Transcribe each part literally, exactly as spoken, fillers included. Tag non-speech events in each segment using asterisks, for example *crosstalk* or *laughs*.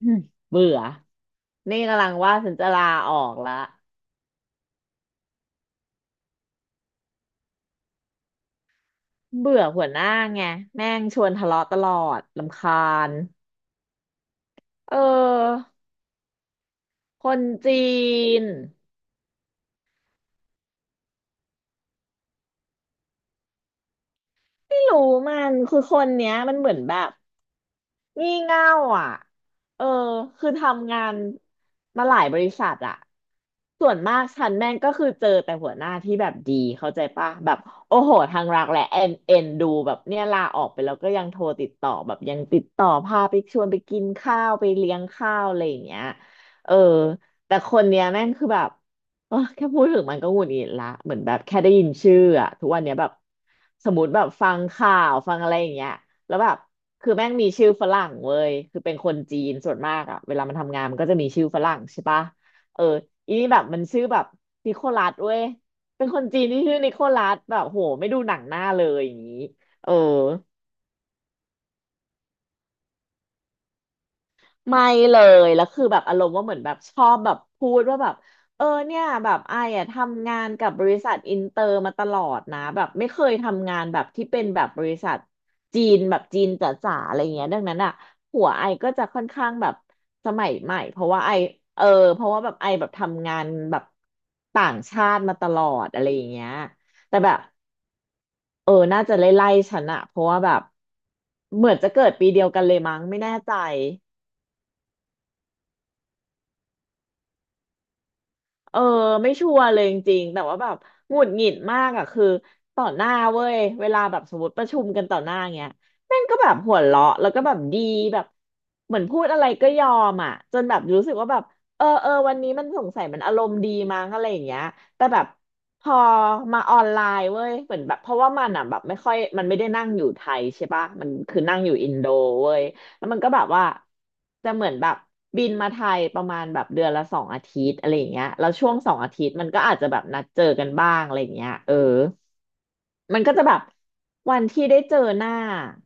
อืมเบื่อ นี่กำลังว่าฉันจะลาออกละเบื่อหัวหน้าไงแม่งชวนทะเลาะตลอดรำคาญเออ คนจีน ไม่รู้มัน คือคนเนี้ยมันเหมือนแบบ งี่เง่าอ่ะเออคือทำงานมาหลายบริษัทอ่ะส่วนมากฉันแม่งก็คือเจอแต่หัวหน้าที่แบบดีเข้าใจป่ะแบบโอ้โหทางรักและเอ็นเอ็นดูแบบเนี่ยลาออกไปแล้วก็ยังโทรติดต่อแบบยังติดต่อพาไปชวนไปกินข้าวไปเลี้ยงข้าวอะไรอย่างเงี้ยเออแต่คนเนี้ยแม่งคือแบบเออแค่พูดถึงมันก็หงุดหงิดละเหมือนแบบแค่ได้ยินชื่ออะทุกวันเนี้ยแบบสมมติแบบฟังข่าวฟังอะไรอย่างเงี้ยแล้วแบบ คือแม่งมีชื่อฝรั่งเว้ย คือเป็นคนจีนส่วนมากอะ เวลามันทำงานมันก็จะมีชื่อฝรั่งใช่ปะเอออีนี่แบบมันชื่อแบบนิโคลัสเว้ย เป็นคนจีนที่ชื่อนิโคลัสแบบโหไม่ดูหนังหน้าเลยอย่างนี้เออ ไม่เลย แล้วคือแบบอารมณ์ว่าเหมือนแบบชอบแบบพูดว่าแบบเออเนี่ยแบบไอ้อะทำงานกับบริษัทอินเตอร์มาตลอดนะแบบไม่เคยทำงานแบบที่เป็นแบบบริษัทจีนแบบจีนจ๋าๆอะไรเงี้ยดังนั้นอ่ะหัวไอก็จะค่อนข้างแบบสมัยใหม่เพราะว่าไอเออเพราะว่าแบบไอแบบทำงานแบบต่างชาติมาตลอดอะไรอย่างเงี้ยแต่แบบเออน่าจะไล่ๆฉันอะเพราะว่าแบบเหมือนจะเกิดปีเดียวกันเลยมั้งไม่แน่ใจ เออไม่ชัวร์เลยจริงๆแต่ว่าแบบหงุดหงิดมากอ่ะคือต่อหน้าเว้ยเวลาแบบสมมติประชุมกันต่อหน้าเงี้ยแม่งก็แบบหัวเราะแล้วก็แบบดีแบบเหมือนพูดอะไรก็ยอมอ่ะจนแบบรู้สึกว่าแบบเออเออวันนี้มันสงสัยมันอารมณ์ดีมั้งอะไรอย่างเงี้ยแต่แบบพอมาออนไลน์เว้ยเหมือนแบบเพราะว่ามันอ่ะแบบไม่ค่อยมันไม่ได้นั่งอยู่ไทยใช่ปะมันคือนั่งอยู่อินโดเว้ย แล้วมันก็แบบว่าจะเหมือนแบบบินมาไทยประมาณแบบเดือนละสองอาทิตย์อะไรอย่างเงี้ยแล้วช่วงสองอาทิตย์มันก็อาจจะแบบนัดเจอกันบ้างอะไรอย่างเงี้ยเออมันก็จะแบบวันที่ได้เจอหน้า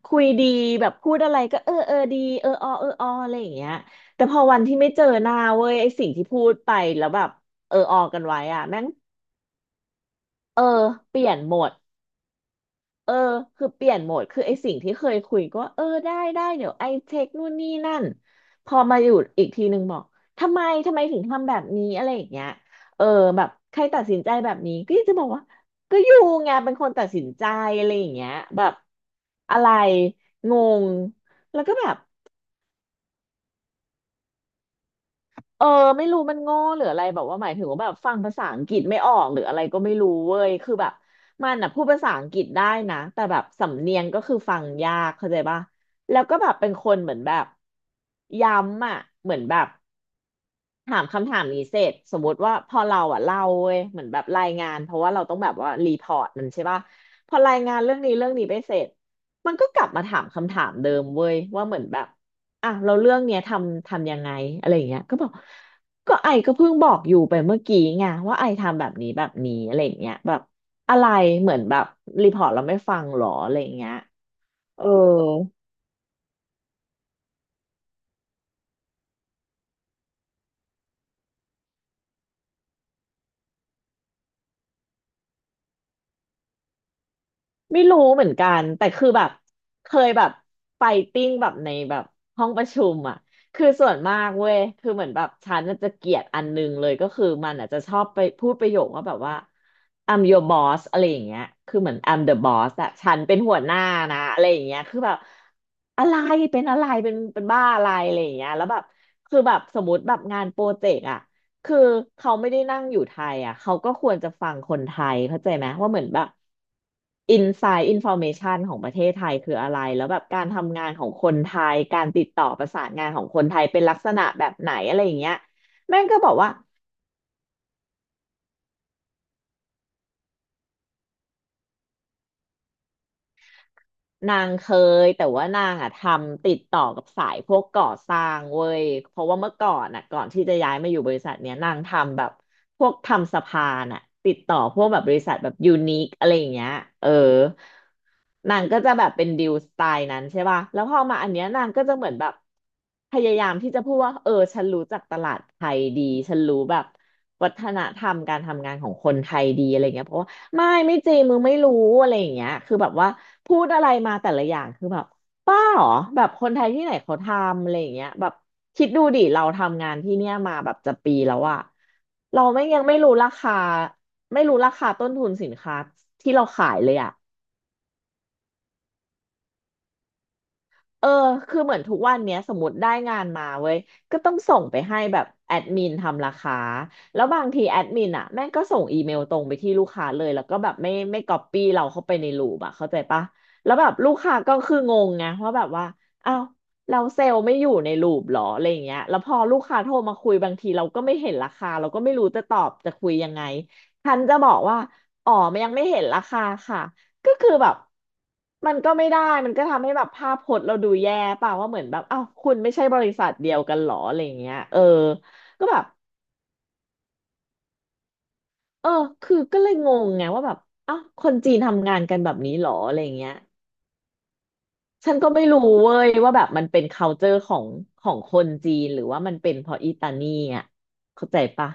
คุยดีแบบพูดอะไรก็เออเออดีเออออเอออออะไรอย่างเงี้ยแต่พอวันที่ไม่เจอหน้าเว้ยไอสิ่งที่พูดไปแล้วแบบเออออกันไว้อะแม่งเออเปลี่ยนหมด เออคือเปลี่ยนโหมดคือไอสิ่งที่เคยคุยก็เออได้ได้เดี๋ยวไอเช็คนู่นนี่นั่นพอมาอยู่อีกทีนึงบอกทำไมทำไมถึงทำแบบนี้อะไรอย่างเงี้ยเออแบบใครตัดสินใจแบบนี้ก็จะบอกว่าก็อยู่ไงเป็นคนตัดสินใจอะไรอย่างเงี้ยแบบอะไรงงแล้วก็แบบ เออไม่รู้มันโง่หรืออะไรแบบว่าหมายถึงว่าแบบฟังภาษาอังกฤษไม่ออกหรืออะไรก็ไม่รู้เว้ยคือแบบมันอ่ะพูดภาษาอังกฤษได้นะแต่แบบสำเนียงก็คือฟังยากเข้าใจป่ะแล้วก็แบบเป็นคนเหมือนแบบย้ำอ่ะเหมือนแบบ ถามคำถามนี้เสร็จสมมติว่าพอเราอ่ะเล่าเว้ยเหมือนแบบรายงานเพราะว่าเราต้องแบบว่ารีพอร์ตมันใช่ป่ะพอรายงานเรื่องนี้เรื่องนี้ไปเสร็จมันก็กลับมาถามคำถามเดิมเว้ยว่าเหมือนแบบอ่ะเราเรื่องเนี้ยทำทำยังไงอะไรอย่างเงี้ยก็บอกก็ไอก็เพิ่งบอกอยู่ไปเมื่อกี้ไงว่าไอทำแบบนี้แบบนี้อะไรอย่างเงี้ยแบบอะไรเหมือนแบบรีพอร์ตเราไม่ฟังหรออะไรอย่างเงี้ยเออ ไม่รู้เหมือนกันแต่คือแบบเคยแบบไฟติ้งแบบในแบบห้องประชุมอ่ะคือส่วนมากเว้ยคือเหมือนแบบฉันน่ะจะเกลียดอันนึงเลยก็คือมันอาจจะชอบไปพูดประโยคว่าแบบว่า I'm your boss อะไรอย่างเงี้ยคือเหมือน I'm the boss อะฉันเป็นหัวหน้านะอะไรอย่างเงี้ยคือแบบอะไรเป็นอะไรเป็นเป็นบ้าอะไรอะไรอย่างเงี้ยแล้วแบบคือแบบสมมติแบบงานโปรเจกต์อะ คือเขาไม่ได้นั่งอยู่ไทยอ่ะเขาก็ควรจะฟังคนไทยเข้าใจไหมว่าเหมือนแบบอินไซด์อินฟอร์เมชันของประเทศไทยคืออะไรแล้วแบบการทำงานของคนไทยการติดต่อประสานงานของคนไทยเป็นลักษณะแบบไหนอะไรอย่างเงี้ยแม่งก็บอกว่านางเคยแต่ว่านางอ่ะทำติดต่อกับสายพวกก่อสร้างเว้ยเพราะว่าเมื่อก่อนอ่ะก่อนที่จะย้ายมาอยู่บริษัทเนี้ยนางทำแบบพวกทำสะพานอ่ะติดต่อพวกแบบบริษัทแบบยูนิคอะไรอย่างเงี้ยเออ นางก็จะแบบเป็นดิวสไตล์นั้นใช่ป่ะแล้วพอมาอันเนี้ยนางก็จะเหมือนแบบพยายามที่จะพูดว่าเออฉันรู้จักตลาดไทยดี ฉันรู้แบบวัฒนธรรมการทำงานของคนไทยดีอะไรเงี้ยเพราะว่าไม่ไม่จริงมึงไม่รู้อะไรอย่างเงี้ยคือแบบว่าพูดอะไรมาแต่ละอย่างคือแบบป้าเหรอแบบคนไทยที่ไหนเขาทำอะไรอย่างเงี้ยแบบคิดดูดิเราทำงานที่เนี่ยมาแบบจะปีแล้วอะเราไม่ยังไม่รู้ราคาไม่รู้ราคาต้นทุนสินค้าที่เราขายเลยอะ เออคือเหมือนทุกวันเนี้ยสมมติได้งานมาเว้ย ก็ต้องส่งไปให้แบบแอดมินทำราคา แล้วบางทีแอดมินอ่ะแม่งก็ส่งอีเมลตรงไปที่ลูกค้าเลยแล้วก็แบบไม่ไม่ก๊อปปี้เราเข้าไปในรูปอ่ะเข้าใจปะแล้วแบบลูกค้าก็คืองงไงว่าแบบว่าอ้าวเราเซลล์ไม่อยู่ในรูปหรออะไรอย่างเงี้ยแล้วพอลูกค้าโทรมาคุยบางทีเราก็ไม่เห็นราคาเราก็ไม่รู้จะตอบจะคุยยังไงฉันจะบอกว่าอ๋อมันยังไม่เห็นราคาค่ะ ก็คือแบบมันก็ไม่ได้มันก็ทำให้แบบภาพพจน์เราดูแย่เปล่าว่าเหมือนแบบอ้าวคุณไม่ใช่บริษัทเดียวกันหรออะไรอย่างเงี้ยเออก็แบบเออคือก็เลยงงไงว่าแบบอ้าวคนจีนทำงานกันแบบนี้หรออะไรอย่างเงี้ยฉันก็ไม่รู้เว้ยว่าแบบมันเป็น culture ของของคนจีนหรือว่ามันเป็นเพราะอีตานี่อ่ะเข้าใจปะ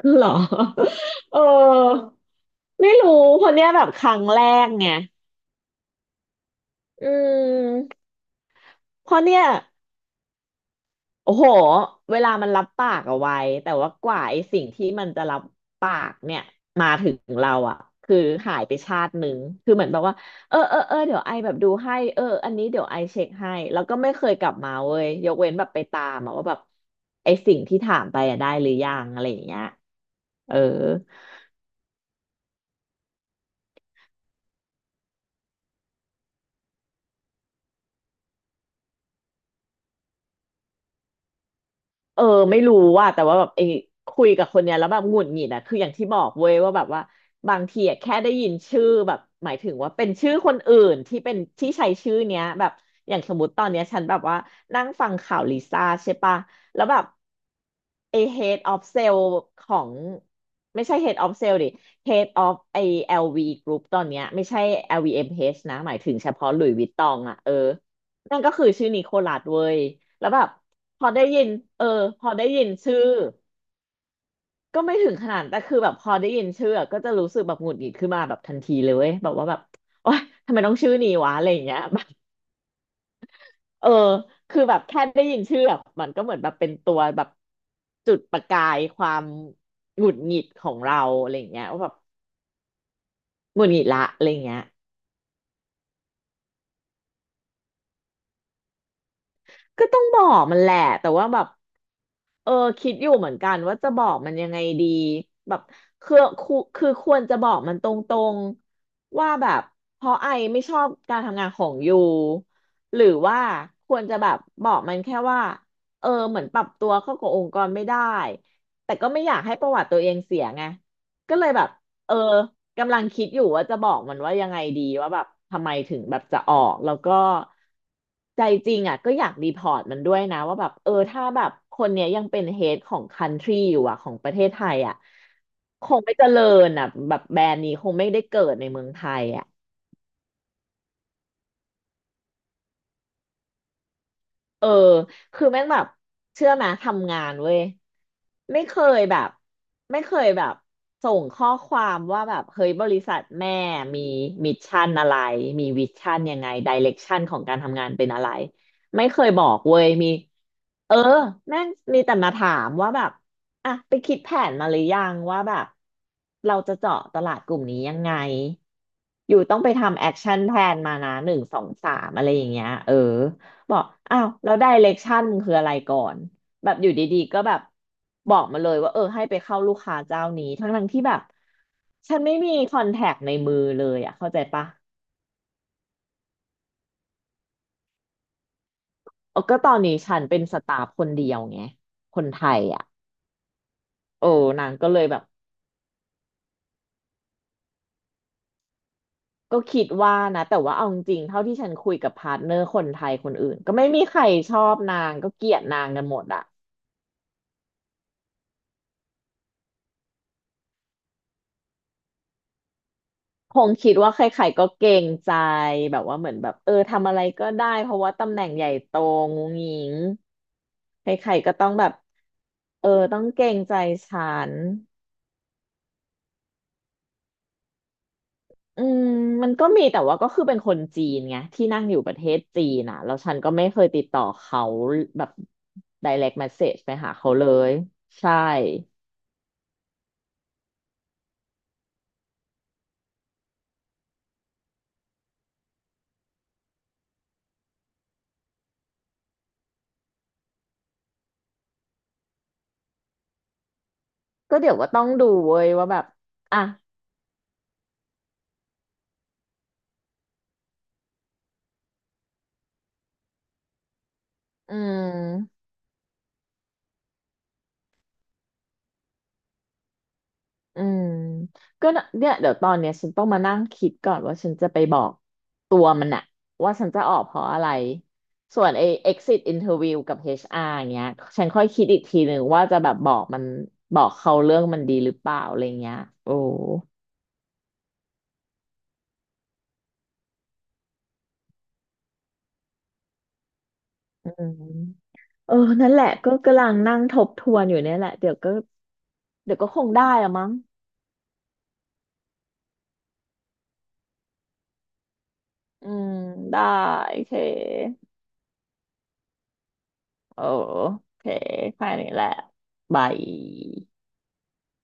คือเหรอ *laughs* เออไม่รู้เพราะเนี้ยแบบครั้งแรกไงอืมเพราะเนี่ย โอ้โห เวลามันรับปากเอาไว้แต่ว่ากว่าไอ้สิ่งที่มันจะรับปากเนี่ยมาถึงเราอ่ะคือหายไปชาติหนึ่งคือเหมือนแบบว่า เออเออเออเดี๋ยวไอแบบดูให้เอออันนี้เดี๋ยวไอเช็คให้แล้วก็ไม่เคยกลับมาเว้ยยกเว้นแบบไปตามอะว่าแบบไอ้สิ่งที่ถามไปอะได้หรือยังอะไรอย่างเงี้ยเออ เออไม่รู้ว่าแต่ว่าแบบไอ้คุยกับคนเนี้ยแล้วแบบหงุดหงิดอะคืออย่างที่บอกเว้ยว่าแบบว่าบางทีอะแค่ได้ยินชื่อแบบหมายถึงว่าเป็นชื่อคนอื่นที่เป็นที่ใช้ชื่อเนี้ยแบบอย่างสมมติตอนเนี้ยฉันแบบว่านั่งฟังข่าวลิซ่าใช่ปะแล้วแบบไอ้ head of sale ของไม่ใช่ head of sale ดิ head of ไอ้ แอล วี group ตอนเนี้ยไม่ใช่ แอล วี เอ็ม เอช นะหมายถึงเฉพาะหลุยส์วิตตองอะเออนั่นก็คือชื่อนิโคลัสเว้ยแล้วแบบ พอได้ยิน เออพอได้ยินชื่อ ก็ไม่ถึงขนาดแต่คือแบบพอได้ยินชื่ออะก็จะรู้สึกแบบหงุดหงิดขึ้นมาแบบทันทีเลยเว้ยแบบว่าแบบโอ๊ยทำไมต้องชื่อนี้วะอะไรอย่างเงี้ย *laughs* แบบเออคือแบบแค่ได้ยินชื่อแบะมันก็เหมือนแบบเป็นตัวแบบจุดประกายความหงุดหงิดของเราอะไรอย่างเงี้ยว่าแบบหงุดหงิดละอะไรอย่างเงี้ยก็ต้องบอกมันแหละแต่ว่าแบบ เออคิดอยู่เหมือนกันว่าจะบอกมันยังไงดีแบบคือคือคือควรจะบอกมันตรงๆว่าแบบเพราะไอไม่ชอบการทำงานของยูหรือว่าควรจะแบบบอกมันแค่ว่าเออเหมือนปรับตัวเข้ากับองค์กรไม่ได้แต่ก็ไม่อยากให้ประวัติตัวเองเสียไงก็เลยแบบเออ กำลังคิดอยู่ว่าจะบอกมันว่ายังไงดีว่าแบบทำไมถึงแบบจะออกแล้วก็ใจจริงอ่ะก็อยากรีพอร์ตมันด้วยนะว่าแบบเออถ้าแบบคนเนี้ยยังเป็นเฮดของคันทรีอยู่อ่ะของประเทศไทยอ่ะคงไม่เจริญอ่ะแบบแบรนด์นี้คงไม่ได้เกิดในเมืองไทยอ่ะ เออคือแม่งแบบเชื่อไหมทำงานเว้ยไม่เคยแบบไม่เคยแบบส่งข้อความว่าแบบเฮ้ยบริษัทแม่มีมิชชั่นอะไรมีวิชั่นยังไงดิเรกชันของการทำงานเป็นอะไรไม่เคยบอกเว้ยมีเออแม่งมีแต่มาถามว่าแบบอ่ะไปคิดแผนมาหรือยังว่าแบบเราจะเจาะตลาดกลุ่มนี้ยังไงอยู่ต้องไปทำแอคชั่นแพลนมานะหนึ่งสองสามอะไรอย่างเงี้ยเออ บอกอ้าวแล้ว direction มึงคืออะไรก่อนแบบอยู่ดีๆก็แบบบอกมาเลยว่าเออให้ไปเข้าลูกค้าเจ้านี้ทั้งๆที่แบบฉันไม่มีคอนแทคในมือเลยอ่ะเข้าใจปะเออ ก็ตอนนี้ฉันเป็นสตาฟคนเดียวไงคนไทยอ่ะโอ้นางก็เลยแบบก็คิดว่านะแต่ว่าเอาจริงๆเท่าที่ฉันคุยกับพาร์ทเนอร์คนไทยคนอื่นก็ไม่มีใครชอบนางก็เกลียดนางกันหมดอ่ะ คงคิดว่าใครๆก็เกรงใจแบบว่าเหมือนแบบเออทำอะไรก็ได้เพราะว่าตำแหน่งใหญ่โตงูงิงใครๆก็ต้องแบบเออต้องเกรงใจฉันอืมมันก็มีแต่ว่าก็คือเป็นคนจีนไงที่นั่งอยู่ประเทศจีนอ่ะแล้วฉันก็ไม่เคยติดต่อเขาแบบ direct message ไปหาเขาเลยใช่ก็เดี๋ยวว่าต้องดูเว้ยว่าแบบอ่ะอืม อืมก็น่ะเนี่ยเดี๋ยวตอนเนี้ยฉันต้องมานั่งคิดก่อนว่าฉันจะไปบอกตัวมันอะว่าฉันจะออกเพราะอะไรส่วนไอ้ exit interview กับ เอช อาร์ อชอาร์อย่างเงี้ยฉันค่อยคิดอีกทีหนึ่งว่าจะแบบบอกมันบอกเขาเรื่องมันดีหรือเปล่าอะไรเงี้ยโอ้อืมเออนั่นแหละก็กำลังนั่งทบทวนอยู่เนี่ยแหละเดี๋ยวก็เดี๋ยวก็คงได้อะมั้งอืมได้โอเคโอเคแค่นี้แหละบาย